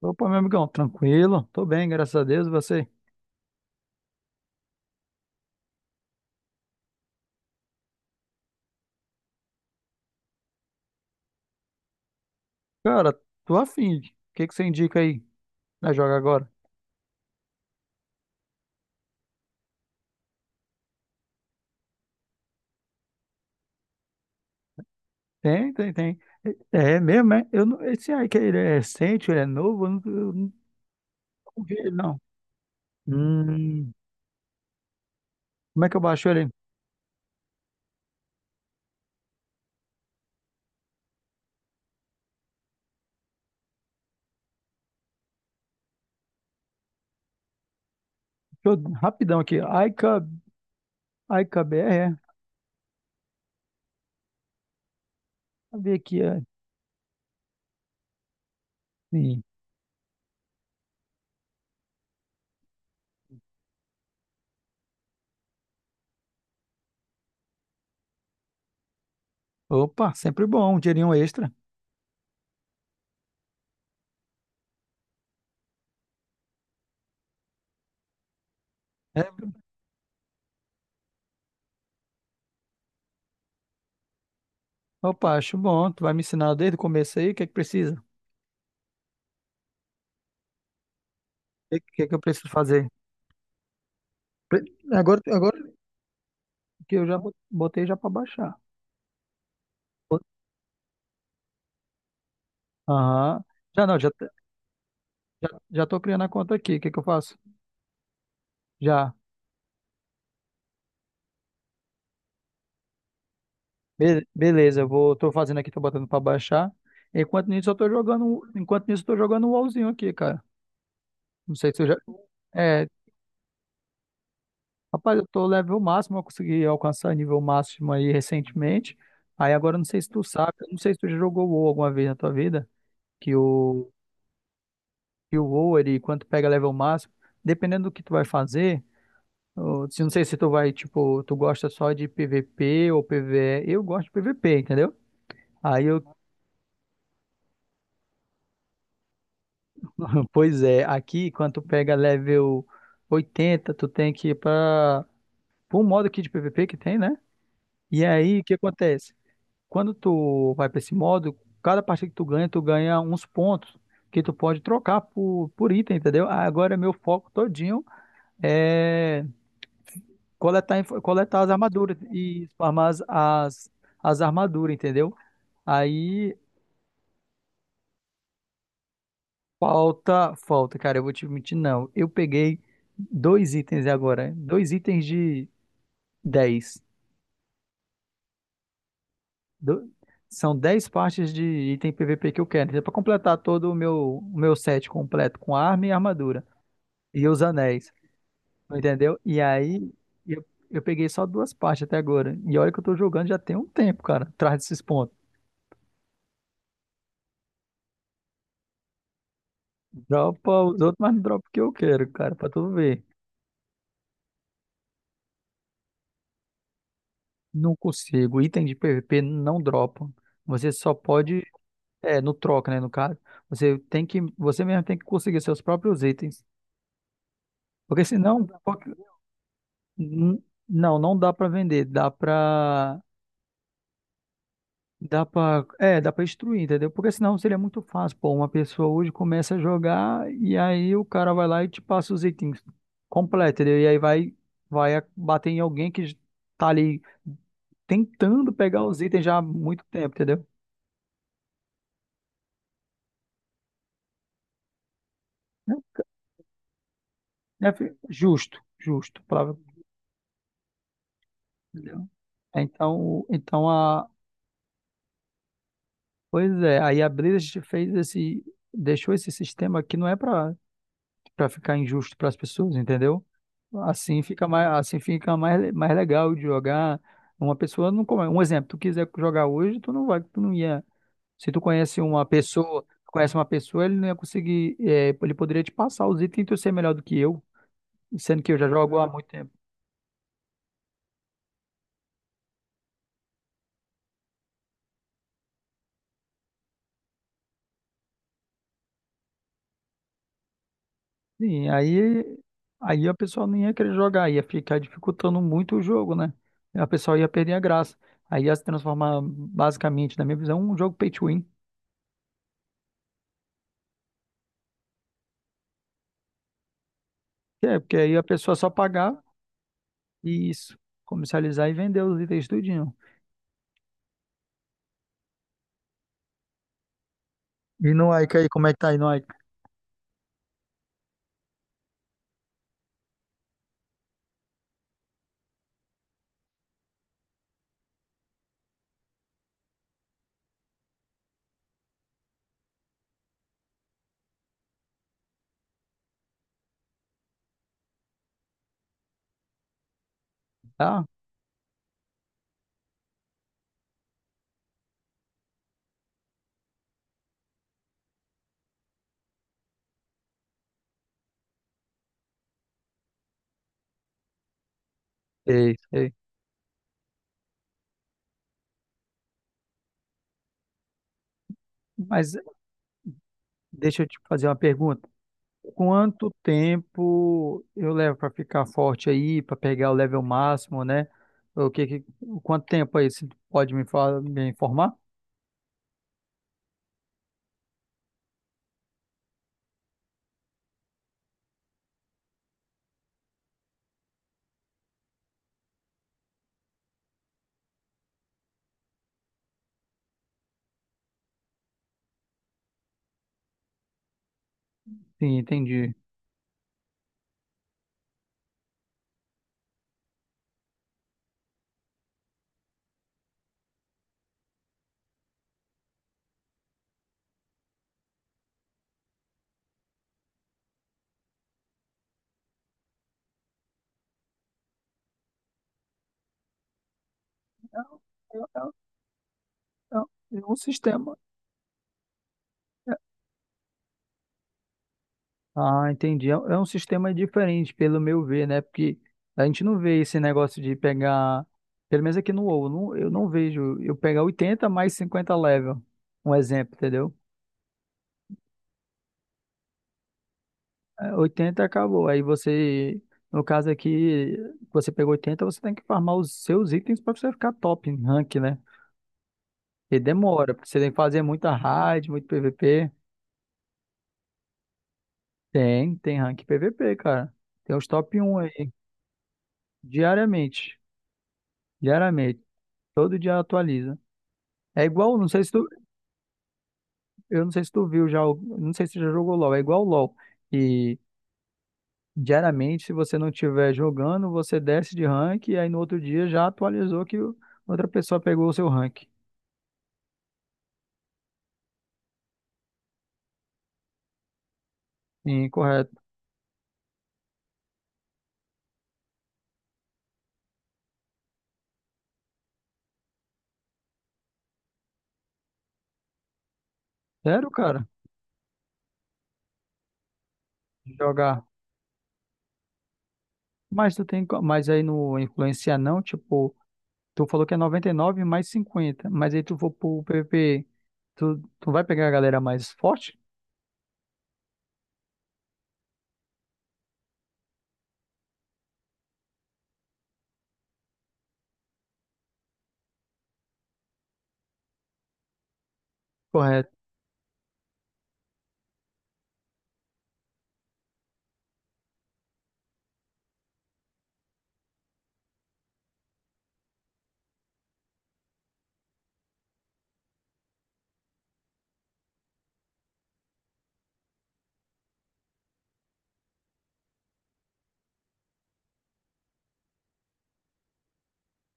Opa, meu amigão, tranquilo? Tô bem, graças a Deus, e você? Cara, tô afim. O que que você indica aí? Nós joga agora? Tem, tem, tem. É mesmo, é? Eu não, esse aí que ele é recente, ele é novo, eu não vi ele, não. Hum, Como é que eu baixo ele? Deixa eu, rapidão aqui. Aika, IKBR, é. Deixa eu ver aqui, é. Sim. Opa, sempre bom, um dinheirinho extra. É, opa, acho bom. Tu vai me ensinar desde o começo aí, o que é que precisa? O que é que eu preciso fazer? Pre- agora que eu já botei já para baixar. Bot- Aham. Já não, já, t- já, já tô criando a conta aqui. O que que eu faço? Já. Beleza, tô fazendo aqui, tô botando para baixar. Enquanto nisso eu tô jogando um LoLzinho aqui, cara. Não sei se eu já É, rapaz, eu tô level máximo, eu consegui alcançar nível máximo aí recentemente. Aí agora eu não sei se tu sabe, eu não sei se tu já jogou WoW alguma vez na tua vida, que o que o WoW, ele quando tu pega level máximo, dependendo do que tu vai fazer, eu não sei se tipo, tu gosta só de PVP ou PVE. Eu gosto de PVP, entendeu? Aí eu, pois é, aqui quando tu pega level 80 tu tem que ir pra um modo aqui de PVP que tem, né? E aí, o que acontece? Quando tu vai pra esse modo, cada partida que tu ganha uns pontos que tu pode trocar por item, entendeu? Agora meu foco todinho é coletar as armaduras e farmar as armaduras, entendeu? Aí falta, falta, cara, eu vou te mentir, não. Eu peguei dois itens agora, hein? Dois itens de dez. Do- são dez partes de item PVP que eu quero, entendeu? Pra completar todo o meu set completo com arma e armadura e os anéis, entendeu? E aí eu, eu peguei só duas partes até agora. E olha que eu tô jogando já tem um tempo, cara, atrás desses pontos. Dropa os outros, mas não dropa o que eu quero, cara, pra tu ver. Não consigo. Item de PVP não dropa. Você só pode. É, no troca, né? No caso. Você tem que. Você mesmo tem que conseguir seus próprios itens. Porque senão. N- Não, não dá pra vender. Dá pra. Dá pra instruir, entendeu? Porque senão seria muito fácil. Pô, uma pessoa hoje começa a jogar e aí o cara vai lá e te passa os itens completos, entendeu? E aí vai bater em alguém que tá ali tentando pegar os itens já há muito tempo, entendeu? Né? Né, justo, justo, palavra, entendeu? Então, pois é, aí a Blizzard fez esse, deixou esse sistema que não é para ficar injusto para as pessoas, entendeu? Assim fica mais legal de jogar. Uma pessoa não come. Um exemplo, tu quiser jogar hoje, tu não ia. Se tu conhece uma pessoa, ele não ia conseguir, ele poderia te passar os itens e tu ser melhor do que eu, sendo que eu já jogo há muito tempo. Sim, aí a pessoa não ia querer jogar, ia ficar dificultando muito o jogo, né? A pessoa ia perder a graça. Aí ia se transformar basicamente, na minha visão, um jogo pay to win. É, porque aí a pessoa só pagar. Isso. Comercializar e vender os itens tudinho. E no Ike aí, como é que tá aí no Ike? Tá? Sei, sei. Mas deixa eu te fazer uma pergunta. Quanto tempo eu levo para ficar forte aí, para pegar o level máximo, né? O que, que- Quanto tempo aí você pode me informar? Sim, entendi. É, um, é- um, é um sistema. Ah, entendi. É um sistema diferente, pelo meu ver, né? Porque a gente não vê esse negócio de pegar, pelo menos aqui no WoW, eu não vejo eu pegar 80 mais 50 level, um exemplo, entendeu? É, 80 acabou. Aí você, no caso aqui, você pegou 80, você tem que farmar os seus itens para você ficar top em rank, né? E demora, porque você tem que fazer muita raid, muito PVP. Tem rank PVP, cara. Tem os top um aí, diariamente. Diariamente. Todo dia atualiza. É igual, não sei se tu, eu não sei se tu viu já, não sei se tu já jogou LoL, é igual o LoL. E diariamente, se você não estiver jogando, você desce de rank e aí no outro dia já atualizou que outra pessoa pegou o seu rank. Incorreto. Sério, cara? Jogar. Mas aí no influenciar não, tipo, tu falou que é 99 mais 50, mas aí tu for pro PVP, tu vai pegar a galera mais forte? Correto.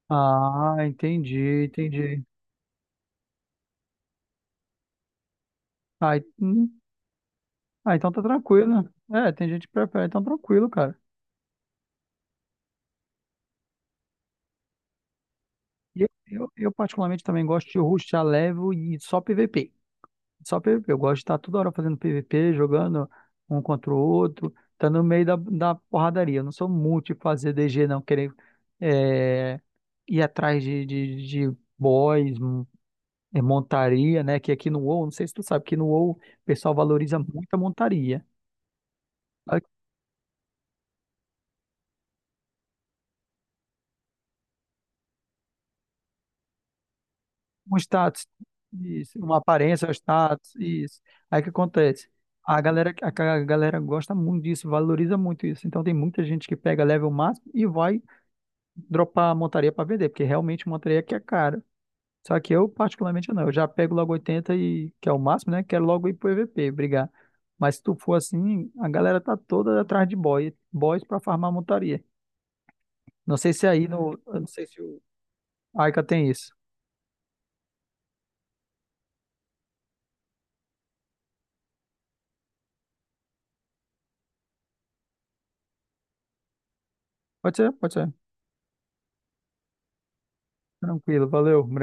Ah, entendi, entendi. Ah, Ah, então tá tranquilo. É, tem gente que prefere, então tranquilo, cara. Eu particularmente também gosto de rushar level e só PVP. Só PVP. Eu gosto de estar toda hora fazendo PVP, jogando um contra o outro, tá no meio da porradaria. Eu não sou muito de fazer DG, não, querer é, ir atrás de boys, montaria, né? Que aqui no WoW, não sei se tu sabe, que no WoW o pessoal valoriza muito a montaria. Um status, isso, uma aparência, um status, isso. Aí o que acontece? A galera gosta muito disso, valoriza muito isso. Então tem muita gente que pega level máximo e vai dropar a montaria para vender, porque realmente montaria que é cara. Só que eu, particularmente, não. Eu já pego logo 80 e que é o máximo, né? Quero logo ir pro E V P brigar. Mas se tu for assim, a galera tá toda atrás de boys para farmar montaria. Não sei se aí no, eu não sei se o Aika tem isso. Pode ser, pode ser. Tranquilo, valeu, obrigado.